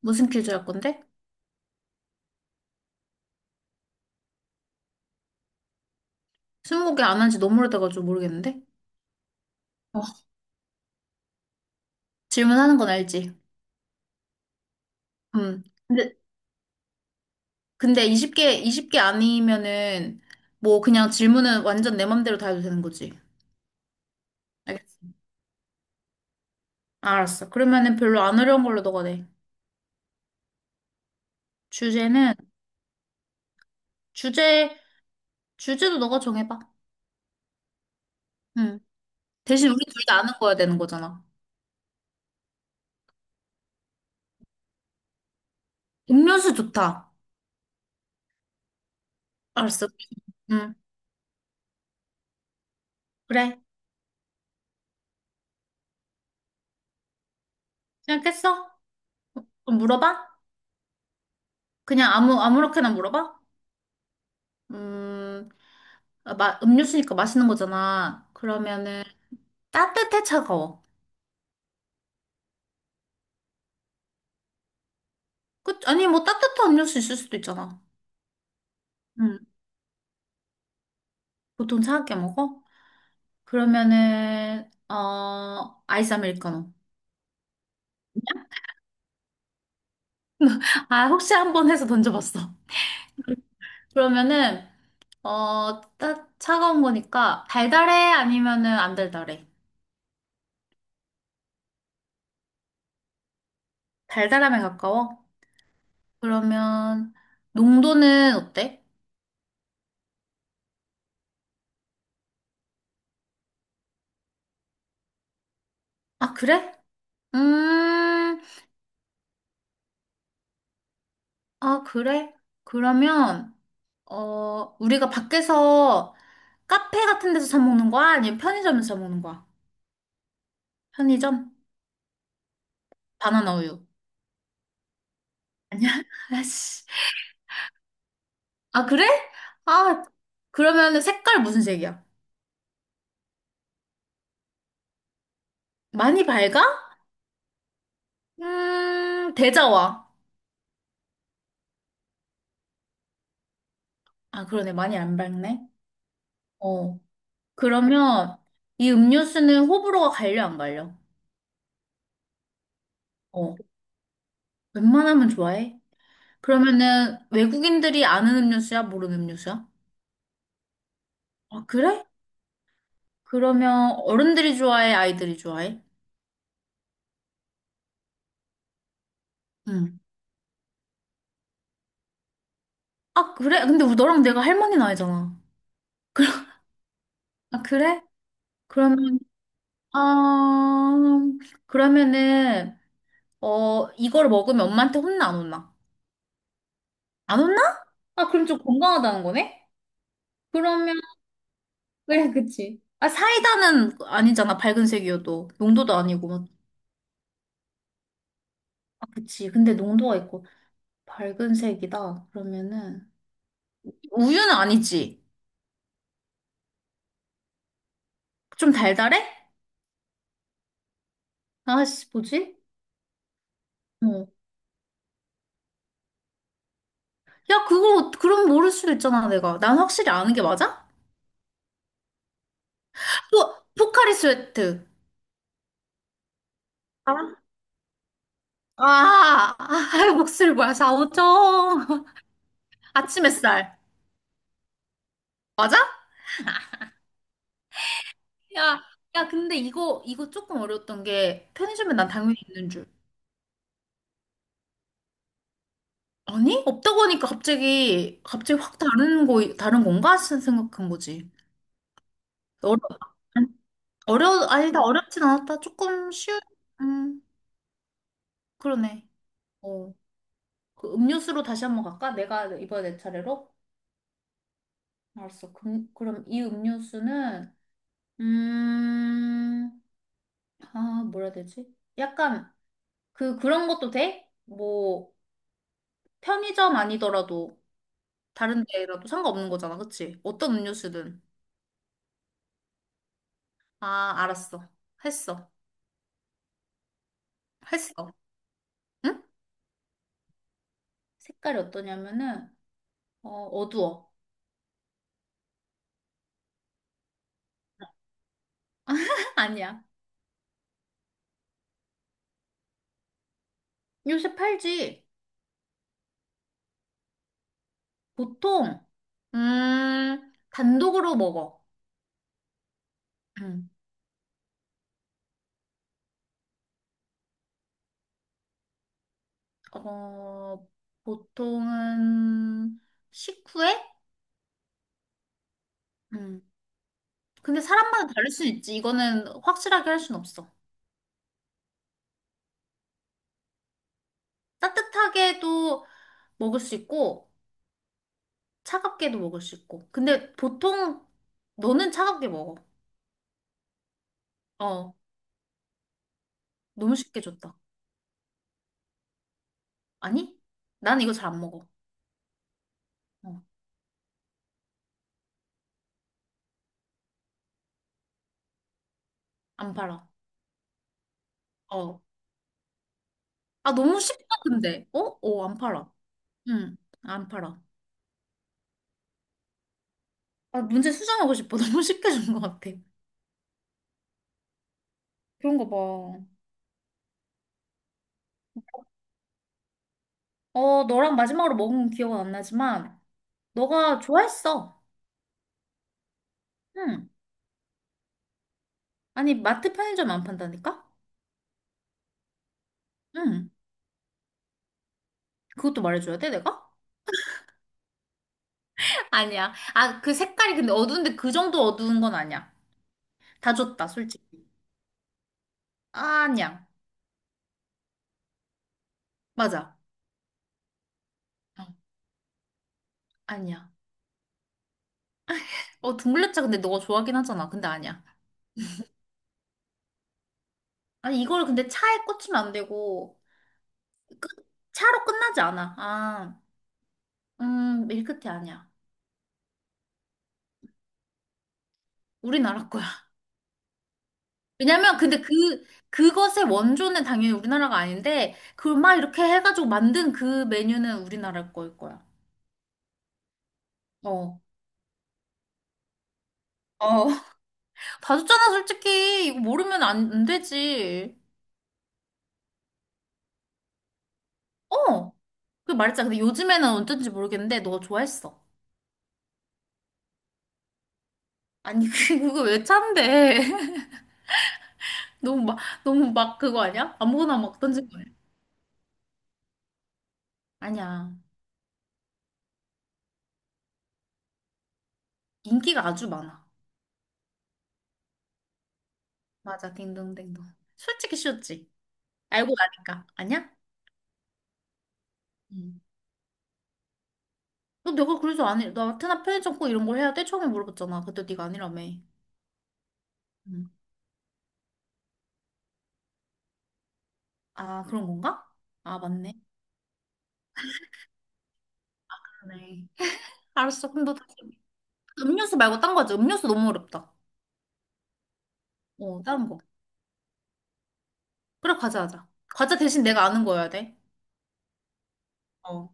무슨 퀴즈 할 건데? 스무 개 안 한지 너무 오래돼가지고 모르겠는데? 질문하는 건 알지? 음. 근데, 근데 20개, 20개 아니면은, 뭐, 그냥 질문은 완전 내 맘대로 다 해도 되는 거지. 알겠어. 알았어. 그러면은 별로 안 어려운 걸로 너가 내. 주제는, 주제, 주제도 너가 정해봐. 음. 대신 우리 둘 다 아는 거야 되는 거잖아. 음료수 좋다. 알았어. 음. 그래. 생각했어? 그럼 물어봐? 그냥 아무렇게나 물어봐? 음. 음료수니까 마시는 거잖아. 그러면은 따뜻해 차가워? 그, 아니 뭐 따뜻한 음료수 있을 수도 있잖아. 응. 보통 차갑게 먹어? 그러면은 어 아이스 아메리카노. 아 혹시 한번 해서 던져봤어. 그러면은 차가운 거니까 달달해 아니면은 안 달달해? 달달함에 가까워? 그러면 농도는 어때? 아 그래? 음, 아 그래? 그러면 어, 우리가 밖에서 카페 같은 데서 사 먹는 거야? 아니면 편의점에서 사 먹는 거야? 편의점? 바나나 우유. 아니야? 아씨. 아, 그래? 아, 그러면 색깔 무슨 색이야? 많이 밝아? 대자와. 아, 그러네. 많이 안 밝네. 어. 그러면 이 음료수는 호불호가 갈려, 안 갈려? 어. 웬만하면 좋아해? 그러면은 외국인들이 아는 음료수야, 모르는 음료수야? 아, 그래? 그러면 어른들이 좋아해, 아이들이 좋아해? 응. 아, 그래? 근데 우리 너랑 내가 할머니 나이잖아. 아, 그래? 그러면, 아, 그러면은, 어, 이걸 먹으면 엄마한테 혼나, 안 혼나? 안 혼나? 아, 그럼 좀 건강하다는 거네? 그러면, 그래, 그치. 아, 사이다는 아니잖아, 밝은 색이어도. 농도도 아니고. 막. 아, 그치. 근데 농도가 있고. 밝은 색이다. 그러면은, 우유는 아니지. 좀 달달해? 아씨, 뭐지? 어. 야, 그거, 그럼 모를 수도 있잖아, 내가. 난 확실히 아는 게 맞아? 포카리 스웨트. 아, 목소리 뭐야, 사 오 점 아침 햇살. 맞아? 야, 근데 이거 조금 어려웠던 게, 편의점에 난 당연히 있는 줄. 아니? 없다고 하니까 갑자기 확 다른 건가? 생각한 거지. 어려, 아니다, 어렵진 않았다. 조금 쉬운, 음, 그러네. 어, 그 음료수로 다시 한 번 갈까? 내가 이번에 내 차례로? 알았어. 그럼 이 음료수는, 음, 아, 뭐라 해야 되지? 약간, 그런 것도 돼? 뭐, 편의점 아니더라도, 다른 데라도 상관없는 거잖아, 그치? 어떤 음료수든. 아, 알았어. 했어. 했어. 응? 색깔이 어떠냐면은, 어, 어두워. 아니야. 요새 팔지. 보통, 단독으로 먹어. 음, 어, 보통은, 식후에? 음. 근데 사람마다 다를 수 있지. 이거는 확실하게 할 순 없어. 따뜻하게도 먹을 수 있고, 차갑게도 먹을 수 있고. 근데 보통 너는 차갑게 먹어. 어, 너무 쉽게 줬다. 아니? 난 이거 잘 안 먹어. 어, 안 팔아. 어. 아, 너무 쉽다, 근데. 어? 어, 안 팔아. 응, 안 팔아. 아, 문제 수정하고 싶어. 너무 쉽게 준 것 같아. 그런 거 봐. 어, 너랑 마지막으로 먹은 기억은 안 나지만, 너가 좋아했어. 응. 아니, 마트 편의점 안 판다니까? 응. 그것도 말해줘야 돼, 내가? 아니야. 아, 그 색깔이 근데 어두운데 그 정도 어두운 건 아니야. 다 줬다, 솔직히. 아니야. 맞아. 어, 아니야. 어, 둥글레차 근데 너가 좋아하긴 하잖아. 근데 아니야. 아니, 이걸 근데 차에 꽂히면 안 되고, 끝- 차로 끝나지 않아. 아, 밀크티 아니야. 우리나라 거야. 왜냐면 근데 그것의 원조는 당연히 우리나라가 아닌데, 그걸 막 이렇게 해가지고 만든 그 메뉴는 우리나라 거일 거야. 어. 어, 봐줬잖아, 솔직히. 이거 모르면 안 되지. 어, 그 말했잖아. 근데 요즘에는 어쩐지 모르겠는데, 너 좋아했어. 아니, 그거 왜 참대? 너무 막, 너무 막 그거 아니야? 아무거나 막 던진 거야. 아니야. 인기가 아주 많아. 맞아, 딩동댕동. 솔직히 쉬웠지. 알고 나니까. 아니야? 응. 너 내가 그래서 안 해. 나 테나 편의점 꼭 이런 걸 해야 돼? 처음에 물어봤잖아. 그때 네가 아니라며. 응. 아, 그런 건가? 아, 맞네. 그러네. 알았어. 그럼 너 다시. 음료수 말고 딴 거지. 음료수 너무 어렵다. 어, 다른 거. 그래, 과자 하자. 과자 대신 내가 아는 거여야 돼. 어.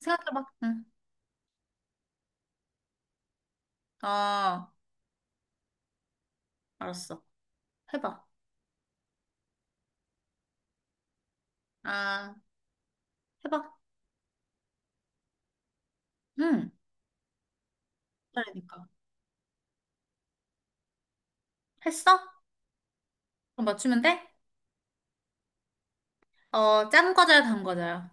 생각해봐. 응. 아, 알았어. 해봐. 아, 해봐. 응. 그러니까. 했어? 그럼 맞추면 돼? 어, 짠 과자야, 단 과자야?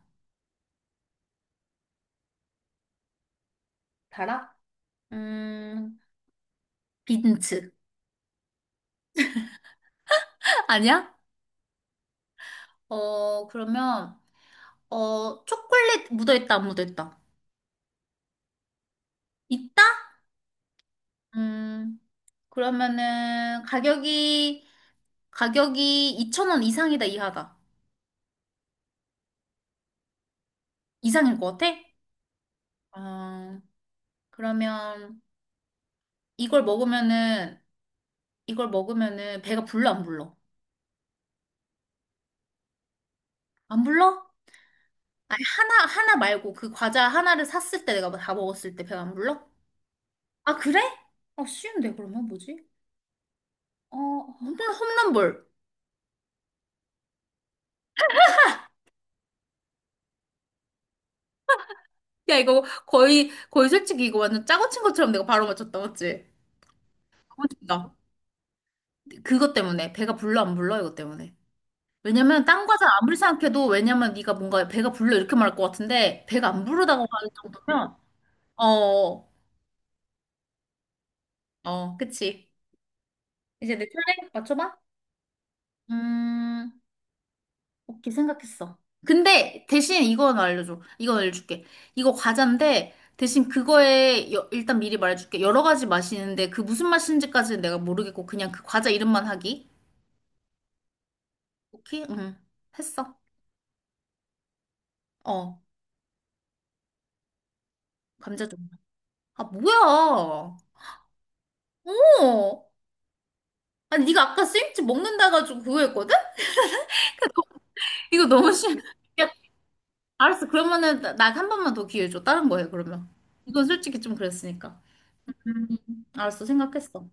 달아? 음, 빈츠. 아니야? 어, 그러면, 어, 초콜릿 묻어있다, 안 묻어있다? 있다? 음, 그러면은, 가격이 2천 원 이상이다, 이하다. 이상일 것 같아? 아, 그러면 이걸 먹으면은 이걸 먹으면은 배가 불러 안 불러? 안 불러? 아니 하나 하나 말고 그 과자 하나를 샀을 때 내가 다 먹었을 때 배가 안 불러? 아 그래? 아 쉬운데 그러면 뭐지? 어 홈런볼. 야 이거 거의 거의 솔직히 이거 완전 짜고 친 것처럼 내가 바로 맞췄다 맞지? 너무 다 그것 때문에 배가 불러 안 불러 이것 때문에. 왜냐면 딴 과자 아무리 생각해도 왜냐면 네가 뭔가 배가 불러 이렇게 말할 것 같은데 배가 안 부르다고 할 정도면 어, 어, 어, 그치. 이제 내 차례 맞춰봐. 음, 오케이, 생각했어. 근데 대신 이건 알려줘. 이건 알려줄게. 이거 과자인데 대신 그거에 일단 미리 말해줄게. 여러 가지 맛이 있는데 그 무슨 맛인지까지는 내가 모르겠고 그냥 그 과자 이름만 하기. 오케이? 응. 했어. 어, 감자전. 아, 뭐야. 어. 아니, 네가 아까 스윙칩 먹는다 가지고 그거 했거든? 이거 너무 심해. 알았어. 그러면은 나 한 번만 더 기회 줘. 다른 거 해, 그러면. 이건 솔직히 좀 그랬으니까. 음, 알았어. 생각했어.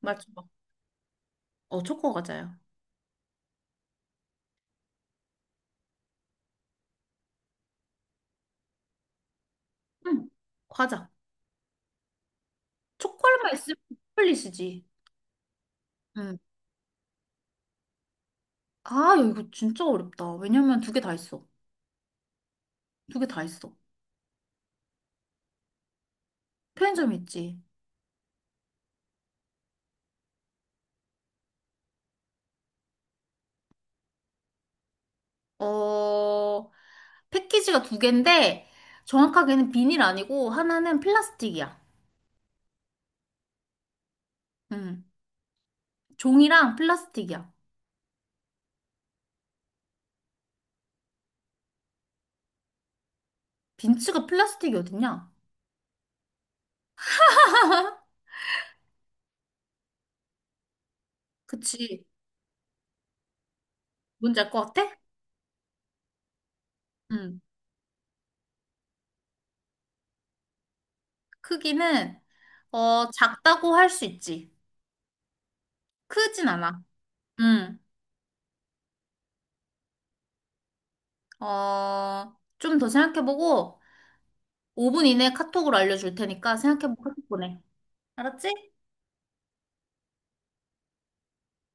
맞춰봐. 어, 초코 과자야. 응, 과자. 초콜릿만 있으면 초콜릿이지. 응. 아, 야, 이거 진짜 어렵다. 왜냐면 두 개 다 있어. 두 개 다 있어. 편의점 있지. 어, 패키지가 두 개인데, 정확하게는 비닐 아니고, 하나는 플라스틱이야. 응. 종이랑 플라스틱이야. 빈츠가 플라스틱이 어딨냐? 그치. 뭔지 알 것 같아? 응. 크기는 어 작다고 할 수 있지. 크진 않아. 응. 어, 좀 더 생각해보고 5분 이내에 카톡으로 알려줄 테니까 생각해보고 카톡 보내. 알았지?